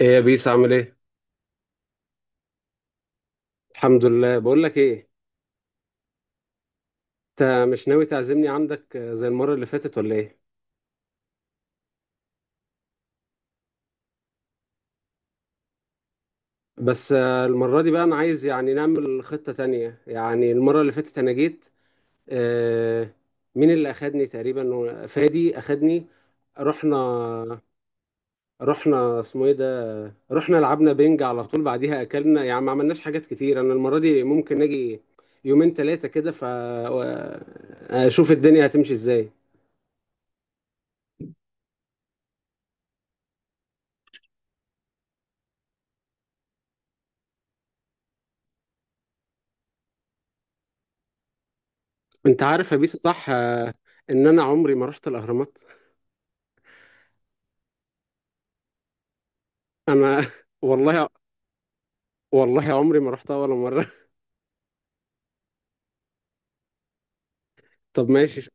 ايه يا بيس عامل ايه؟ الحمد لله، بقول لك ايه. انت مش ناوي تعزمني عندك زي المرة اللي فاتت ولا ايه؟ بس المرة دي بقى انا عايز يعني نعمل خطة تانية. يعني المرة اللي فاتت انا جيت، آه، مين اللي اخدني؟ تقريبا فادي اخدني. رحنا رحنا اسمه ايه ده؟ رحنا لعبنا بينج على طول، بعديها اكلنا، يعني ما عملناش حاجات كتير. انا المرة دي ممكن اجي يومين ثلاثة كده فاشوف الدنيا هتمشي ازاي. انت عارف يا بيسا، صح ان انا عمري ما رحت الاهرامات. انا والله، والله عمري ما رحتها ولا مره. طب ماشي.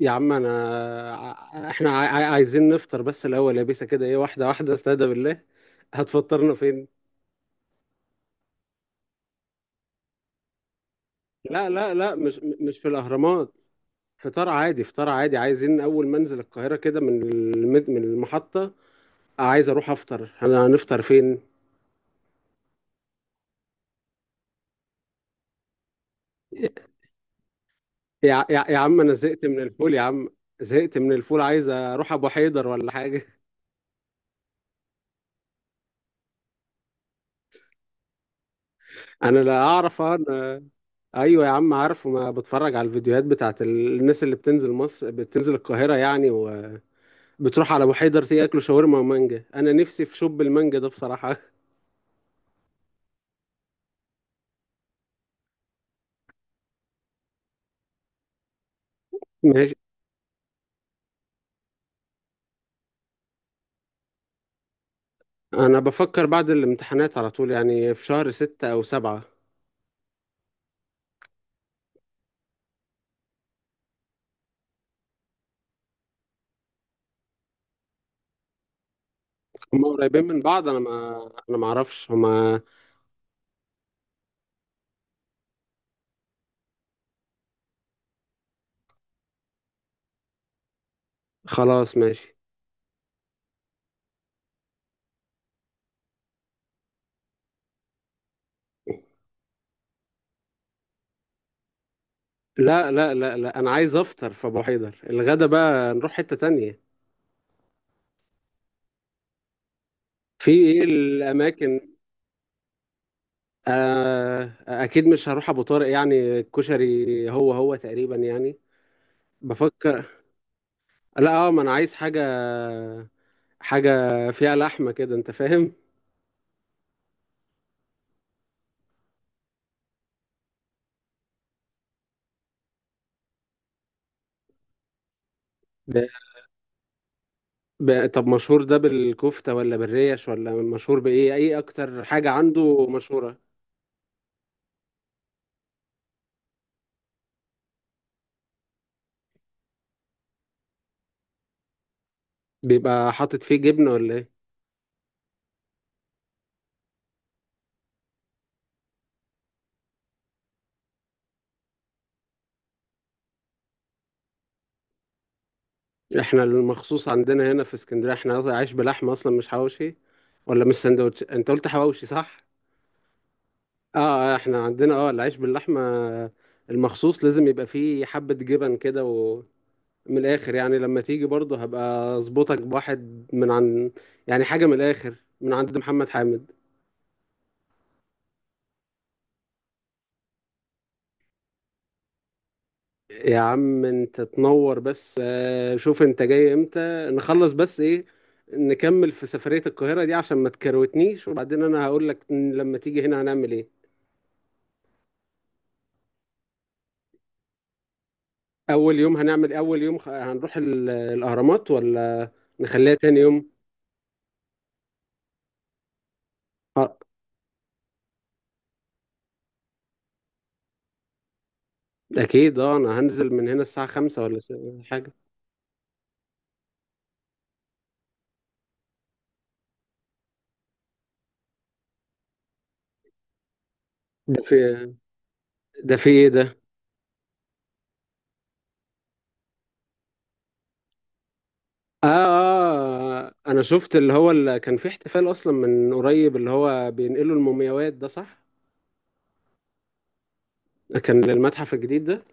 يا عم انا عايزين نفطر بس الاول يا بيسا، كده ايه، واحده واحده استهدى بالله. هتفطرنا فين؟ لا لا لا، مش في الاهرامات. فطار عادي، فطار عادي. عايزين اول ما انزل القاهره كده من من المحطه عايز اروح افطر. انا هنفطر فين؟ يا عم انا زهقت من الفول يا عم. زهقت من الفول، عايز اروح ابو حيدر ولا حاجه. انا لا اعرف ايوه يا عم، عارفه ما بتفرج على الفيديوهات بتاعت الناس اللي بتنزل مصر، بتنزل القاهره يعني، وبتروح على ابو حيدر، تاكلوا شاورما ومانجا. انا نفسي في شوب المانجا ده بصراحه. ماشي، انا بفكر بعد الامتحانات على طول، يعني في شهر ستة او سبعة. هما قريبين من بعض؟ انا ما اعرفش هما. خلاص ماشي. لا لا لا لا، انا عايز افطر في ابو حيدر. الغدا بقى نروح حته تانية. في ايه الاماكن؟ اكيد مش هروح ابو طارق يعني، الكشري هو هو تقريبا يعني. بفكر، لا اه، ما انا عايز حاجه فيها لحمه كده، انت فاهم. ب... طب مشهور ده بالكفته ولا بالريش، ولا مشهور بايه؟ اي اكتر حاجه عنده مشهوره؟ بيبقى حاطط فيه جبنه ولا ايه؟ احنا المخصوص عندنا هنا في اسكندريه، احنا عايش بلحمه اصلا مش حواوشي، ولا مش سندوتش، انت قلت حواوشي صح. اه، احنا عندنا اه العيش باللحمة المخصوص، لازم يبقى فيه حبة جبن كده، ومن الآخر يعني. لما تيجي برضه هبقى أظبطك بواحد من عن، يعني حاجة من الآخر، من عند محمد حامد. يا عم انت تنور، بس آه، شوف انت جاي امتى؟ نخلص بس ايه، نكمل في سفرية القاهرة دي عشان ما تكروتنيش، وبعدين انا هقول لك لما تيجي هنا هنعمل ايه. اول يوم هنعمل، اول يوم هنروح الأهرامات ولا نخليها تاني يوم؟ آه. اكيد اه، انا هنزل من هنا الساعة خمسة ولا حاجة. ده في، ده في ايه ده؟ آه، اه انا شفت اللي هو اللي كان في احتفال اصلا من قريب، اللي هو بينقلوا المومياوات ده، صح؟ كان للمتحف الجديد ده.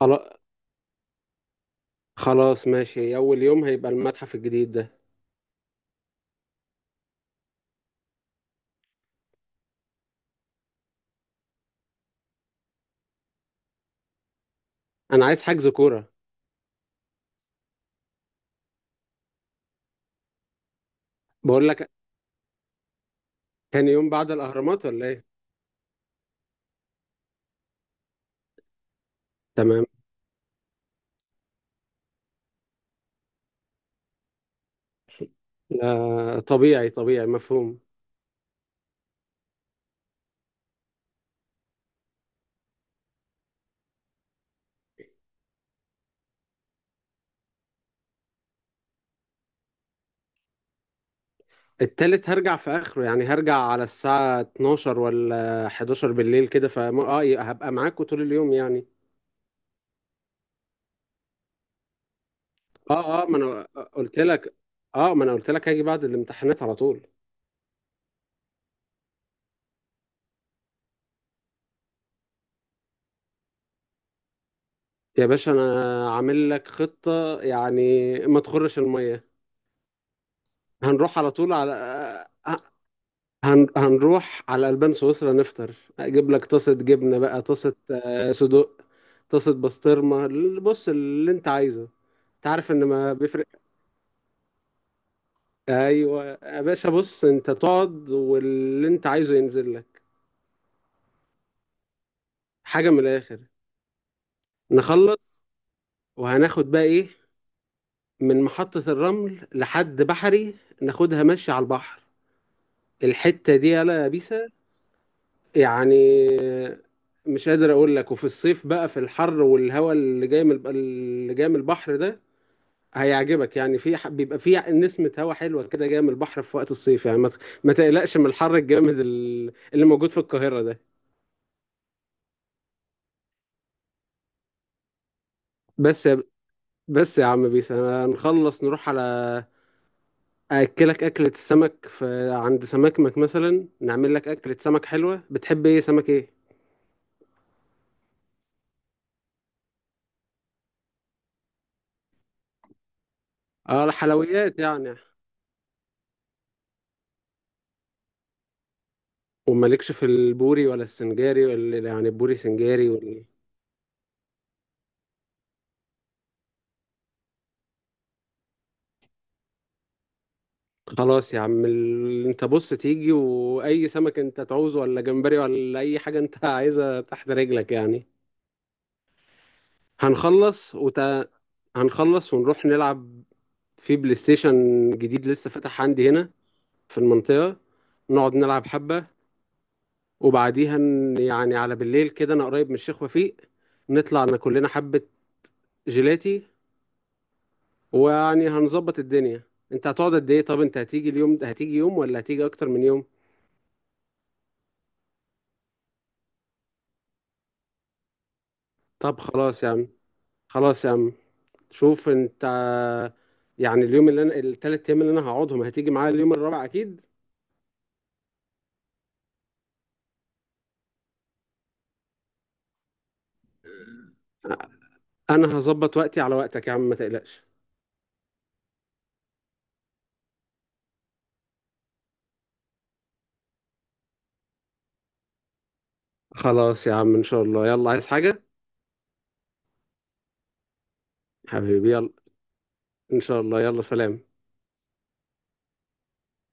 خلا- خلاص ماشي، اول يوم هيبقى المتحف الجديد ده. انا عايز حجز كورة. بقول لك، تاني يوم بعد الاهرامات ولا ايه؟ تمام. لا طبيعي، طبيعي مفهوم. التالت هرجع في اخره يعني، هرجع على الساعة 12 ولا 11 بالليل كده، اه هبقى معاكوا طول اليوم يعني. اه اه، ما انا قلت لك قلت لك هاجي بعد الامتحانات على طول. يا باشا انا عامل لك خطة يعني، ما تخرش المية. هنروح على طول على هنروح على البان سويسرا نفطر، اجيب لك طاسة جبنة بقى، طاسة صدوق، طاسة بسطرمة. بص اللي انت عايزه، انت عارف ان ما بيفرق. ايوه يا باشا، بص انت تقعد واللي انت عايزه ينزل لك، حاجه من الاخر. نخلص وهناخد بقى ايه؟ من محطه الرمل لحد بحري، ناخدها ماشي على البحر الحته دي، يالا يا بيسا. يعني مش قادر اقول لك، وفي الصيف بقى في الحر والهواء اللي جاي من، اللي جاي من البحر ده هيعجبك يعني. في بيبقى في نسمة هواء حلوة كده جاية من البحر في وقت الصيف يعني، ما تقلقش من الحر الجامد اللي موجود في القاهرة ده. بس، بس يا عم بيس، انا نخلص نروح على اكلك اكلة السمك في عند سمكمك مثلا، نعمل لك اكلة سمك حلوة. بتحب ايه، سمك ايه؟ اه الحلويات يعني، ومالكش في البوري ولا السنجاري، ولا يعني البوري سنجاري ولا إيه؟ خلاص يا عم انت بص تيجي، واي سمك انت تعوزه، ولا جمبري، ولا اي حاجة انت عايزها تحت رجلك يعني. هنخلص هنخلص ونروح نلعب في بلاي ستيشن جديد لسه فتح عندي هنا في المنطقة، نقعد نلعب حبة. وبعديها يعني على بالليل كده، أنا قريب من الشيخ وفيق، نطلع ناكل لنا حبة جيلاتي، ويعني هنظبط الدنيا. أنت هتقعد قد إيه؟ طب أنت هتيجي اليوم ده هتيجي يوم ولا هتيجي أكتر من يوم؟ طب خلاص يا عم، خلاص يا عم، شوف أنت. يعني اليوم اللي أنا، التلات أيام اللي أنا هقعدهم، هتيجي معايا اليوم الرابع أكيد. أنا هظبط وقتي على وقتك يا عم، ما تقلقش. خلاص يا عم، إن شاء الله، يلا عايز حاجة؟ حبيبي، يلا إن شاء الله، يلا سلام.